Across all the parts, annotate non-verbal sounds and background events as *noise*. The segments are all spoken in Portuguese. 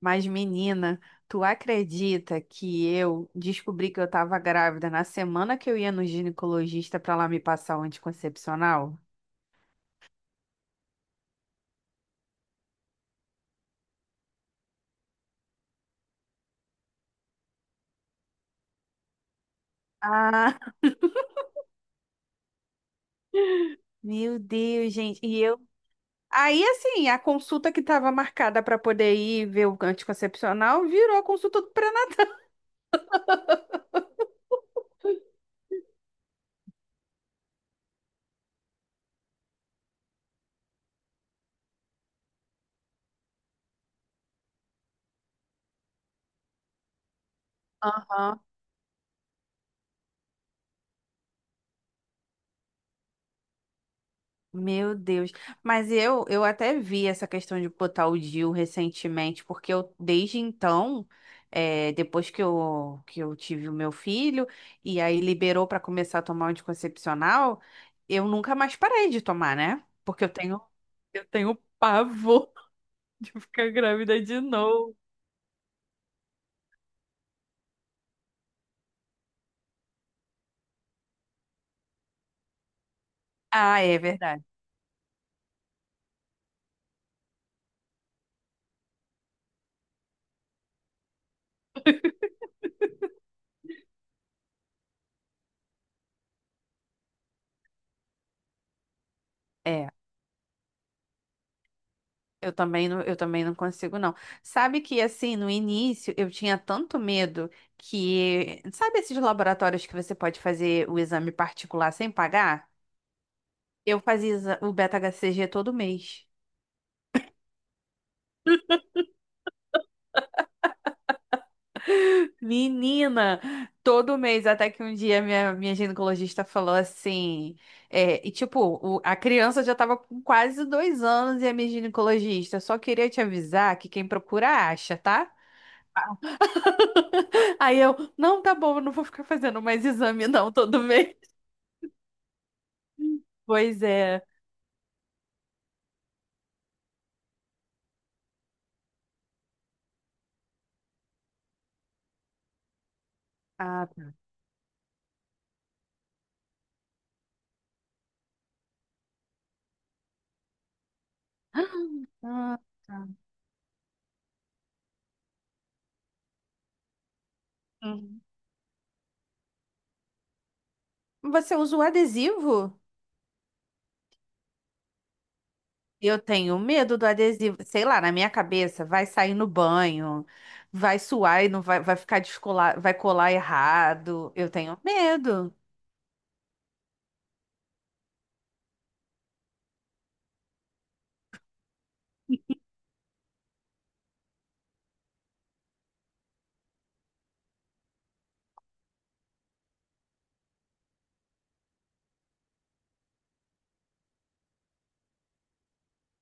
Mas, menina, tu acredita que eu descobri que eu tava grávida na semana que eu ia no ginecologista pra lá me passar o anticoncepcional? Ah, *laughs* meu Deus, gente. E eu. Aí, assim, a consulta que tava marcada pra poder ir ver o anticoncepcional virou a consulta do pré-natal. Meu Deus. Mas eu até vi essa questão de botar o Dil recentemente, porque eu, desde então, depois que eu, tive o meu filho, e aí liberou para começar a tomar o anticoncepcional, eu nunca mais parei de tomar, né? Porque eu tenho pavor *laughs* de ficar grávida de novo. Ah, é verdade. É. Eu também não consigo, não. Sabe que, assim, no início eu tinha tanto medo que. Sabe esses laboratórios que você pode fazer o exame particular sem pagar? Eu fazia o beta-HCG todo mês. Menina, todo mês, até que um dia minha, minha ginecologista falou assim. E tipo, a criança já tava com quase dois anos e a minha ginecologista só queria te avisar que quem procura acha, tá? Aí eu, não, tá bom, eu não vou ficar fazendo mais exame não todo mês. Pois é. Ah, tá. Ah, tá. Uhum. Você usa o adesivo? Eu tenho medo do adesivo. Sei lá, na minha cabeça, vai sair no banho, vai suar e não vai, vai ficar descolar, vai colar errado. Eu tenho medo.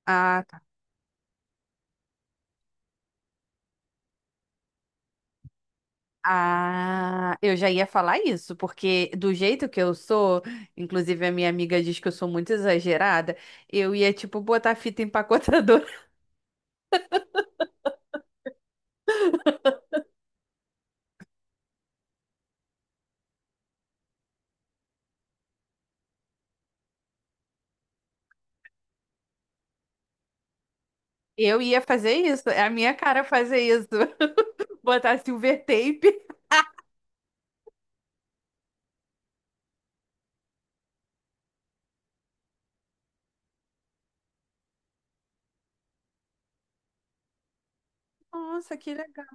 Ah, tá. Ah, eu já ia falar isso, porque do jeito que eu sou, inclusive a minha amiga diz que eu sou muito exagerada, eu ia, tipo, botar fita empacotadora. *laughs* Eu ia fazer isso, é a minha cara fazer isso. *laughs* Botar silver tape. Nossa, que legal.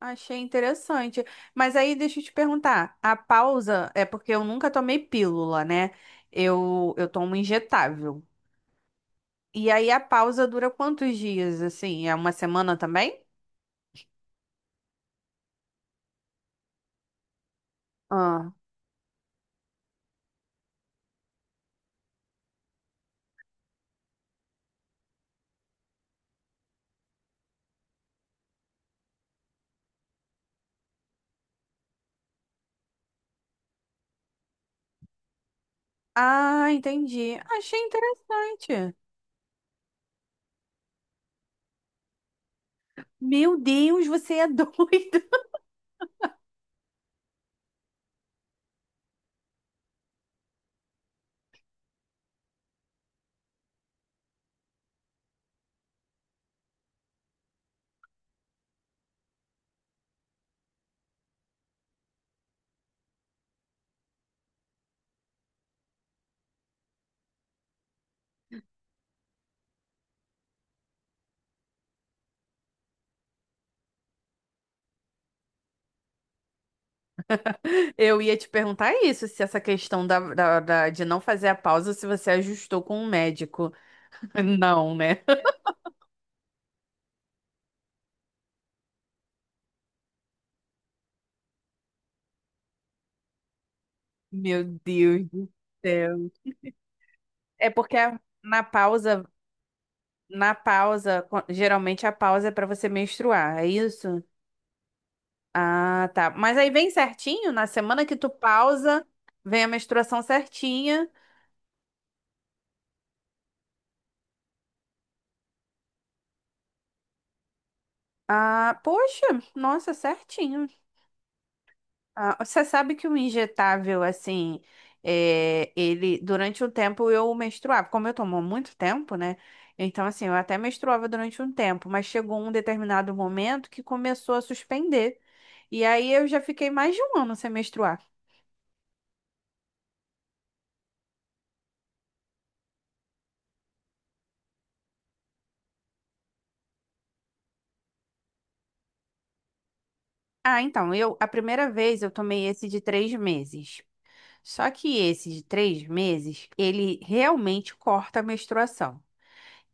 Achei interessante. Mas aí deixa eu te perguntar, a pausa é porque eu nunca tomei pílula, né? Eu tomo injetável. E aí a pausa dura quantos dias, assim? É uma semana também? Ah, ah, entendi. Achei interessante. Meu Deus, você é doida. *laughs* Eu ia te perguntar isso, se essa questão de não fazer a pausa, se você ajustou com o médico. *laughs* Não, né? Meu Deus do céu. É porque na pausa, geralmente a pausa é pra você menstruar, é isso? Ah, tá. Mas aí vem certinho, na semana que tu pausa, vem a menstruação certinha. Ah, poxa, nossa, certinho. Ah, você sabe que o injetável, assim, ele, durante um tempo eu menstruava, como eu tomo muito tempo, né? Então, assim, eu até menstruava durante um tempo, mas chegou um determinado momento que começou a suspender. E aí eu já fiquei mais de um ano sem menstruar. Ah, então, eu, a primeira vez eu tomei esse de três meses. Só que esse de três meses, ele realmente corta a menstruação.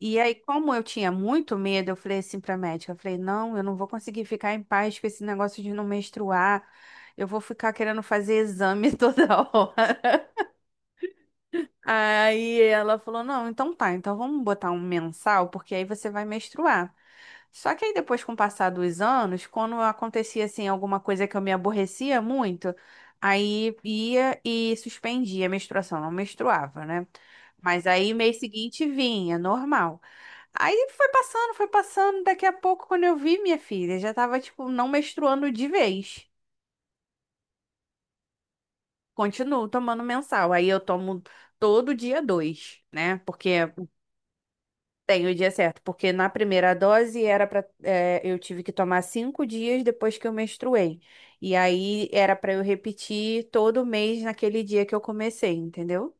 E aí, como eu tinha muito medo, eu falei assim pra médica, eu falei, não, eu não vou conseguir ficar em paz com esse negócio de não menstruar. Eu vou ficar querendo fazer exame *laughs* toda hora. Aí ela falou, não, então tá, então vamos botar um mensal, porque aí você vai menstruar. Só que aí depois, com o passar dos anos, quando acontecia assim alguma coisa que eu me aborrecia muito, aí ia e suspendia a menstruação, não menstruava, né? Mas aí mês seguinte vinha, normal. Aí foi passando, daqui a pouco quando eu vi minha filha, já tava tipo não menstruando de vez. Continuo tomando mensal. Aí eu tomo todo dia dois, né? Porque tem o dia certo, porque na primeira dose era para eu tive que tomar cinco dias depois que eu menstruei. E aí era para eu repetir todo mês naquele dia que eu comecei, entendeu?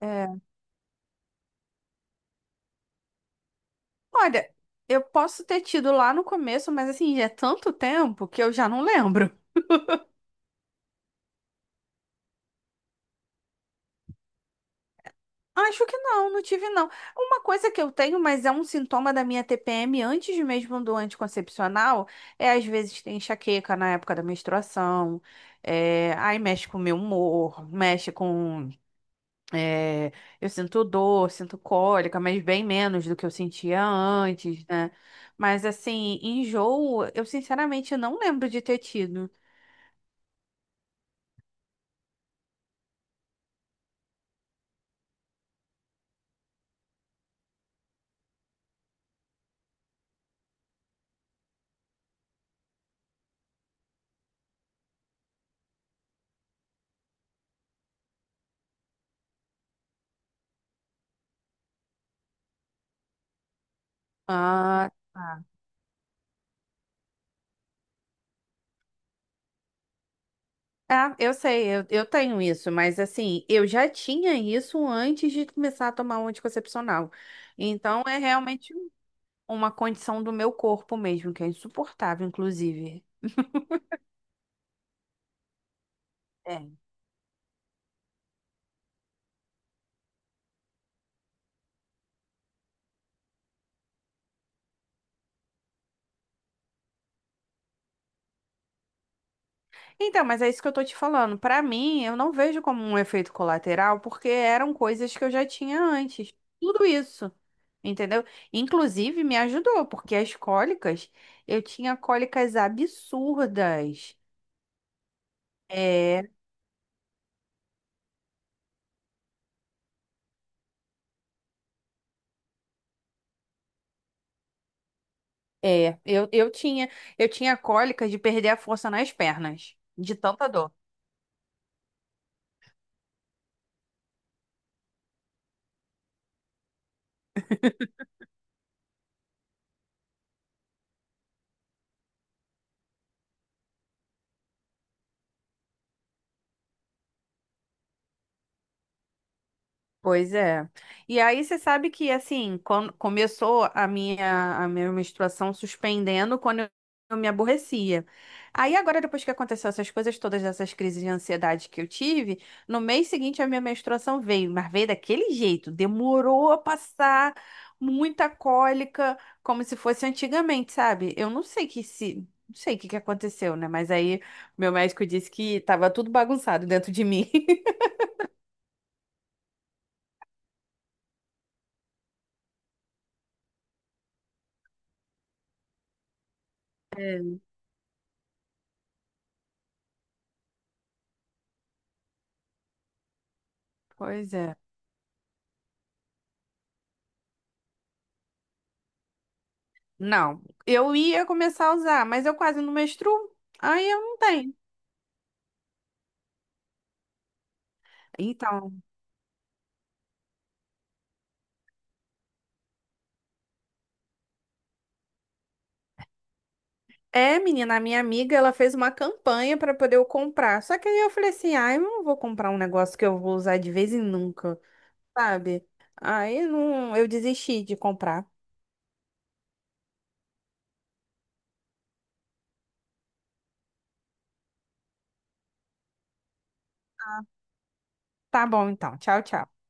É. Olha, eu posso ter tido lá no começo, mas assim, já é tanto tempo que eu já não lembro. Acho que não, não tive não. Uma coisa que eu tenho, mas é um sintoma da minha TPM antes mesmo do anticoncepcional, é às vezes tem enxaqueca na época da menstruação, aí mexe com o meu humor, mexe com. é, eu sinto dor, sinto cólica, mas bem menos do que eu sentia antes, né? Mas assim, enjoo, eu sinceramente não lembro de ter tido. Ah, tá. Ah, eu sei, eu tenho isso, mas assim, eu já tinha isso antes de começar a tomar um anticoncepcional. Então é realmente uma condição do meu corpo mesmo, que é insuportável, inclusive. É. Então, mas é isso que eu tô te falando. Pra mim, eu não vejo como um efeito colateral, porque eram coisas que eu já tinha antes. Tudo isso. Entendeu? Inclusive me ajudou, porque as cólicas, eu tinha cólicas absurdas. É, É, eu tinha cólica de perder a força nas pernas, de tanta dor. Pois é. E aí você sabe que assim, quando começou a minha menstruação suspendendo quando eu me aborrecia. Aí agora depois que aconteceu essas coisas todas essas crises de ansiedade que eu tive, no mês seguinte a minha menstruação veio, mas veio daquele jeito, demorou a passar, muita cólica, como se fosse antigamente, sabe? Eu não sei que se não sei o que que aconteceu, né? Mas aí meu médico disse que tava tudo bagunçado dentro de mim. *laughs* Pois é. Não, eu ia começar a usar, mas eu quase não menstruo, aí eu não tenho. Então, é, menina, a minha amiga, ela fez uma campanha para poder eu comprar. Só que aí eu falei assim, ah, eu não vou comprar um negócio que eu vou usar de vez em nunca, sabe? Aí não, eu desisti de comprar. Tá bom, então. Tchau, tchau.